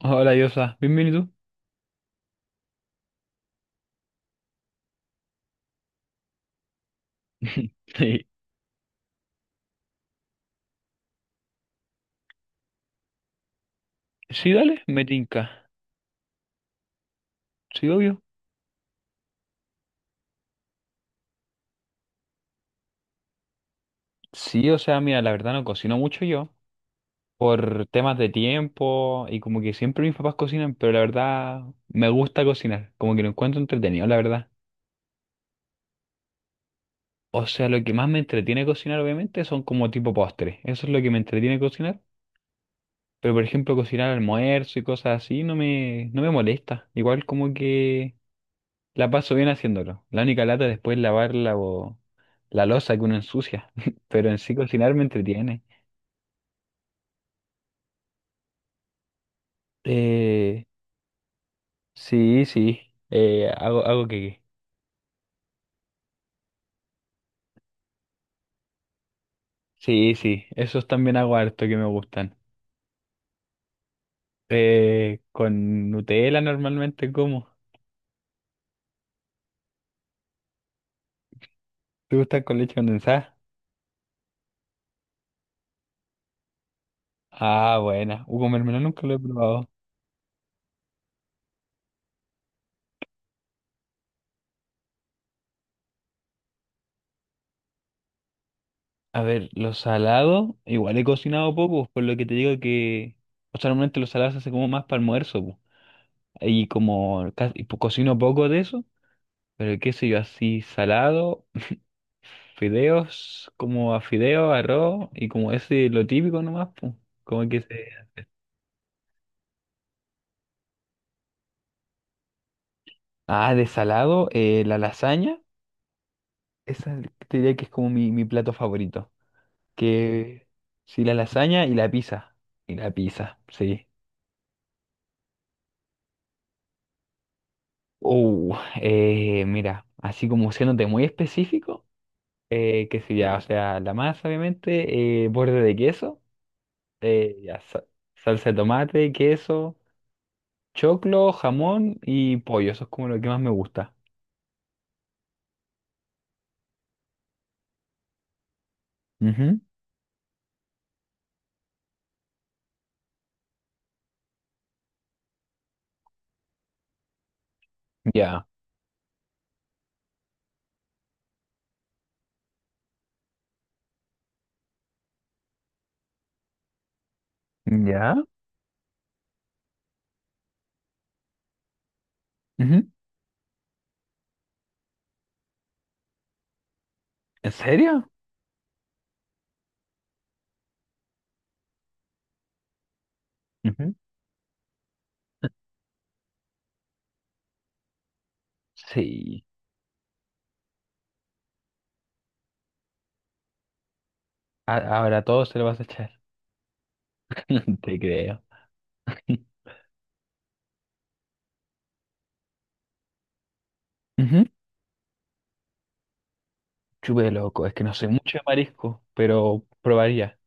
Hola, Yosa. Bienvenido. Sí, sí, dale, me tinca. Sí, obvio. Sí, o sea, mira, la verdad no cocino mucho yo por temas de tiempo y como que siempre mis papás cocinan, pero la verdad me gusta cocinar, como que lo encuentro entretenido, la verdad. O sea, lo que más me entretiene cocinar, obviamente, son como tipo postres. Eso es lo que me entretiene cocinar. Pero, por ejemplo, cocinar almuerzo y cosas así no me molesta. Igual como que la paso bien haciéndolo. La única lata después es lavar la loza que uno ensucia. Pero en sí cocinar me entretiene. Eh, sí, sí. Hago que. Sí, sí. Esos también hago harto que me gustan. Con Nutella normalmente como. ¿Te gustan con leche condensada? Ah, buena. Con mermelada nunca lo he probado. A ver, los salados, igual he cocinado poco, por lo que te digo que. O sea, normalmente los salados se hace como más para almuerzo, y como casi, cocino poco de eso, pero qué sé yo, así salado, fideos, como a fideos, arroz y como ese lo típico nomás, pues. Como que se... Ah, de salado, la lasaña, esa te diría que es como mi plato favorito. Que sí, la lasaña y la pizza. Y la pizza, sí. Uh, Mira, así como siéndote muy específico, qué sé ya, o sea, la masa, obviamente, borde de queso. Ya, salsa de tomate, queso, choclo, jamón y pollo. Eso es como lo que más me gusta. Ujú. Ya. Ya. Ujú. ¿En serio? Ujú. Sí. Ahora todo se lo vas a echar. Te creo. Ujú. Chupe loco, es que no soy mucho de marisco, pero probaría.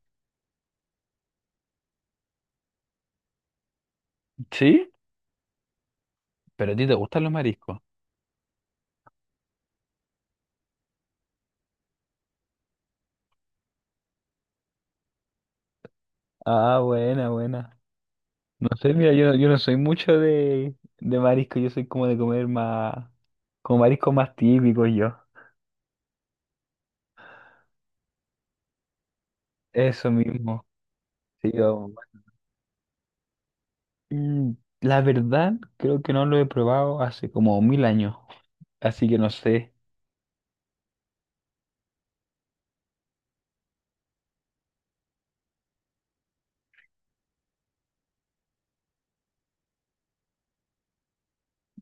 ¿Sí? ¿Pero a ti te gustan los mariscos? Ah, buena, buena. No sé, mira, yo no soy mucho de marisco, yo soy como de comer más, como mariscos más típicos yo. Eso mismo. Sí. Mm, La verdad, creo que no lo he probado hace como 1000 años, así que no sé.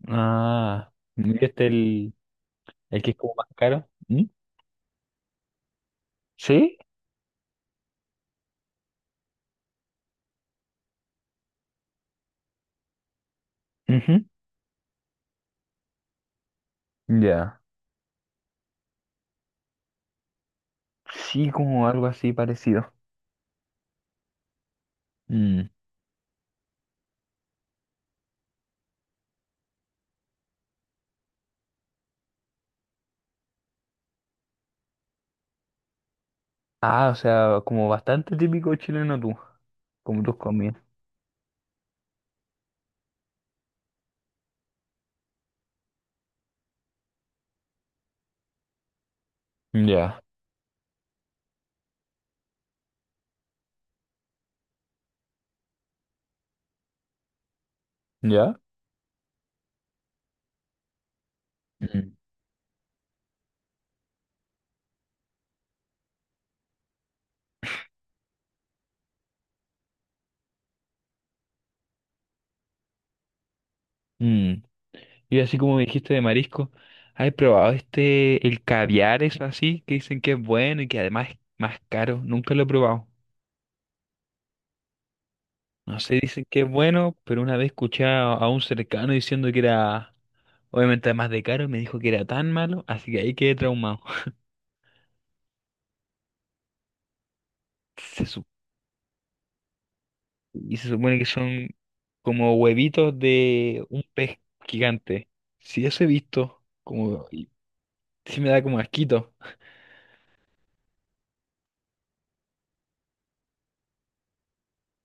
Ah, ¿viste el que es como más caro? ¿Mm? ¿Sí? Ujú. Ya. Sí, como algo así parecido. Mm. Ah, o sea, como bastante típico chileno tú, como tus comidas. Ya. ¿Ya? Mm. Mm. Y así como me dijiste de marisco, ¿has probado este, el caviar, eso así, que dicen que es bueno y que además es más caro? Nunca lo he probado. No sé, dicen que es bueno, pero una vez escuché a un cercano diciendo que era, obviamente además de caro, me dijo que era tan malo, así que ahí quedé traumado. Se su- y se supone que son como huevitos de un pez gigante. Si eso he visto, como, y sí me da como asquito.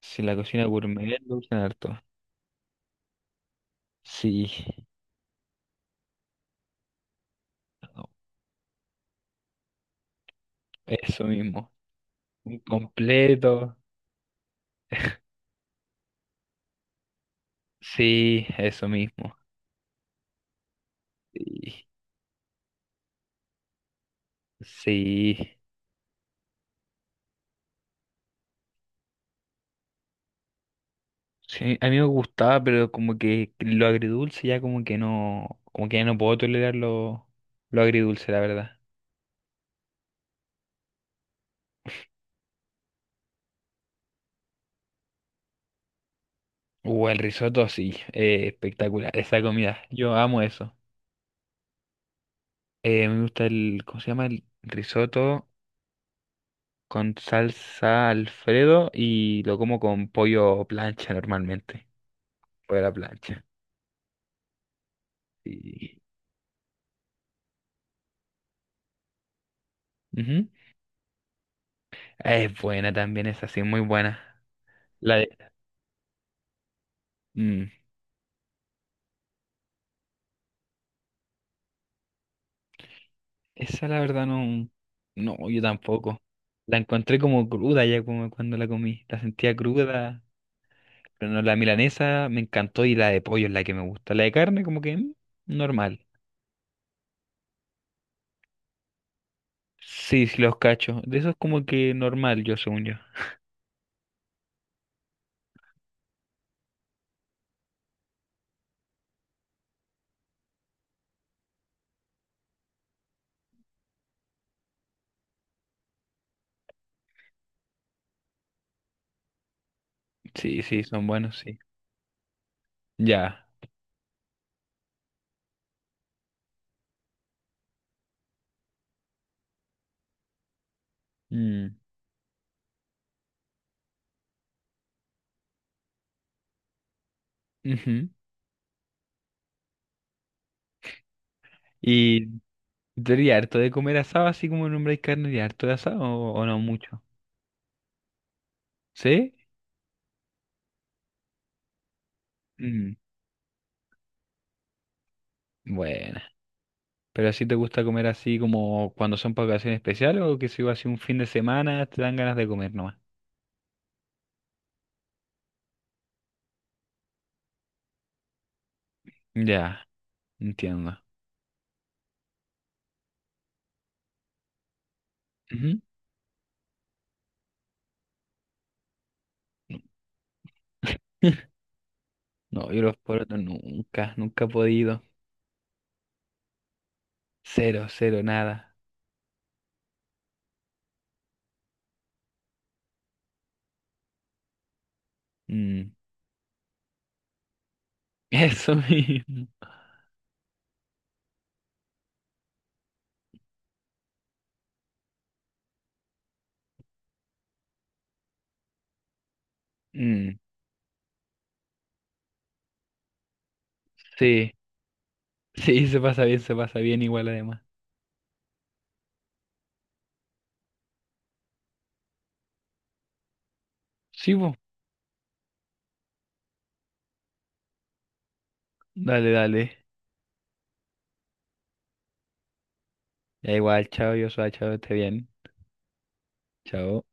Si la cocina gourmet lo usan harto. Sí, no, eso mismo. Completo. Sí, eso mismo. Sí, sí. Sí, a mí me gustaba, pero como que lo agridulce ya como que no, como que ya no puedo tolerar lo agridulce, la verdad. El risotto sí, espectacular, esa comida, yo amo eso. Me gusta el, ¿cómo se llama? El risotto con salsa Alfredo y lo como con pollo plancha normalmente, pollo a la plancha. Y, ujú. Es buena también, es así, muy buena. La de- mm, Esa la verdad no, no, yo tampoco. La encontré como cruda ya como cuando la comí. La sentía cruda, pero no, la milanesa me encantó y la de pollo es la que me gusta. La de carne como que normal. Sí, sí, los cachos. De esos como que normal, yo según yo. Sí, sí, son buenos, sí. Ya. Mm, ujú. ¿Y tú eres harto de comer asado así como nombre de carne y harto de asado o no mucho? ¿Sí? Mm, bueno. ¿Pero así te gusta comer así como cuando son para ocasiones especiales o que si va así un fin de semana te dan ganas de comer nomás? Ya, entiendo. Ujú. No, yo los porotos nunca, nunca he podido. Cero, cero, nada. Mm. Eso mismo. Mm, Sí, sí, se pasa bien igual además. Sí, vos. Dale, dale. Ya igual, chao, yo soy chao, esté bien. Chao.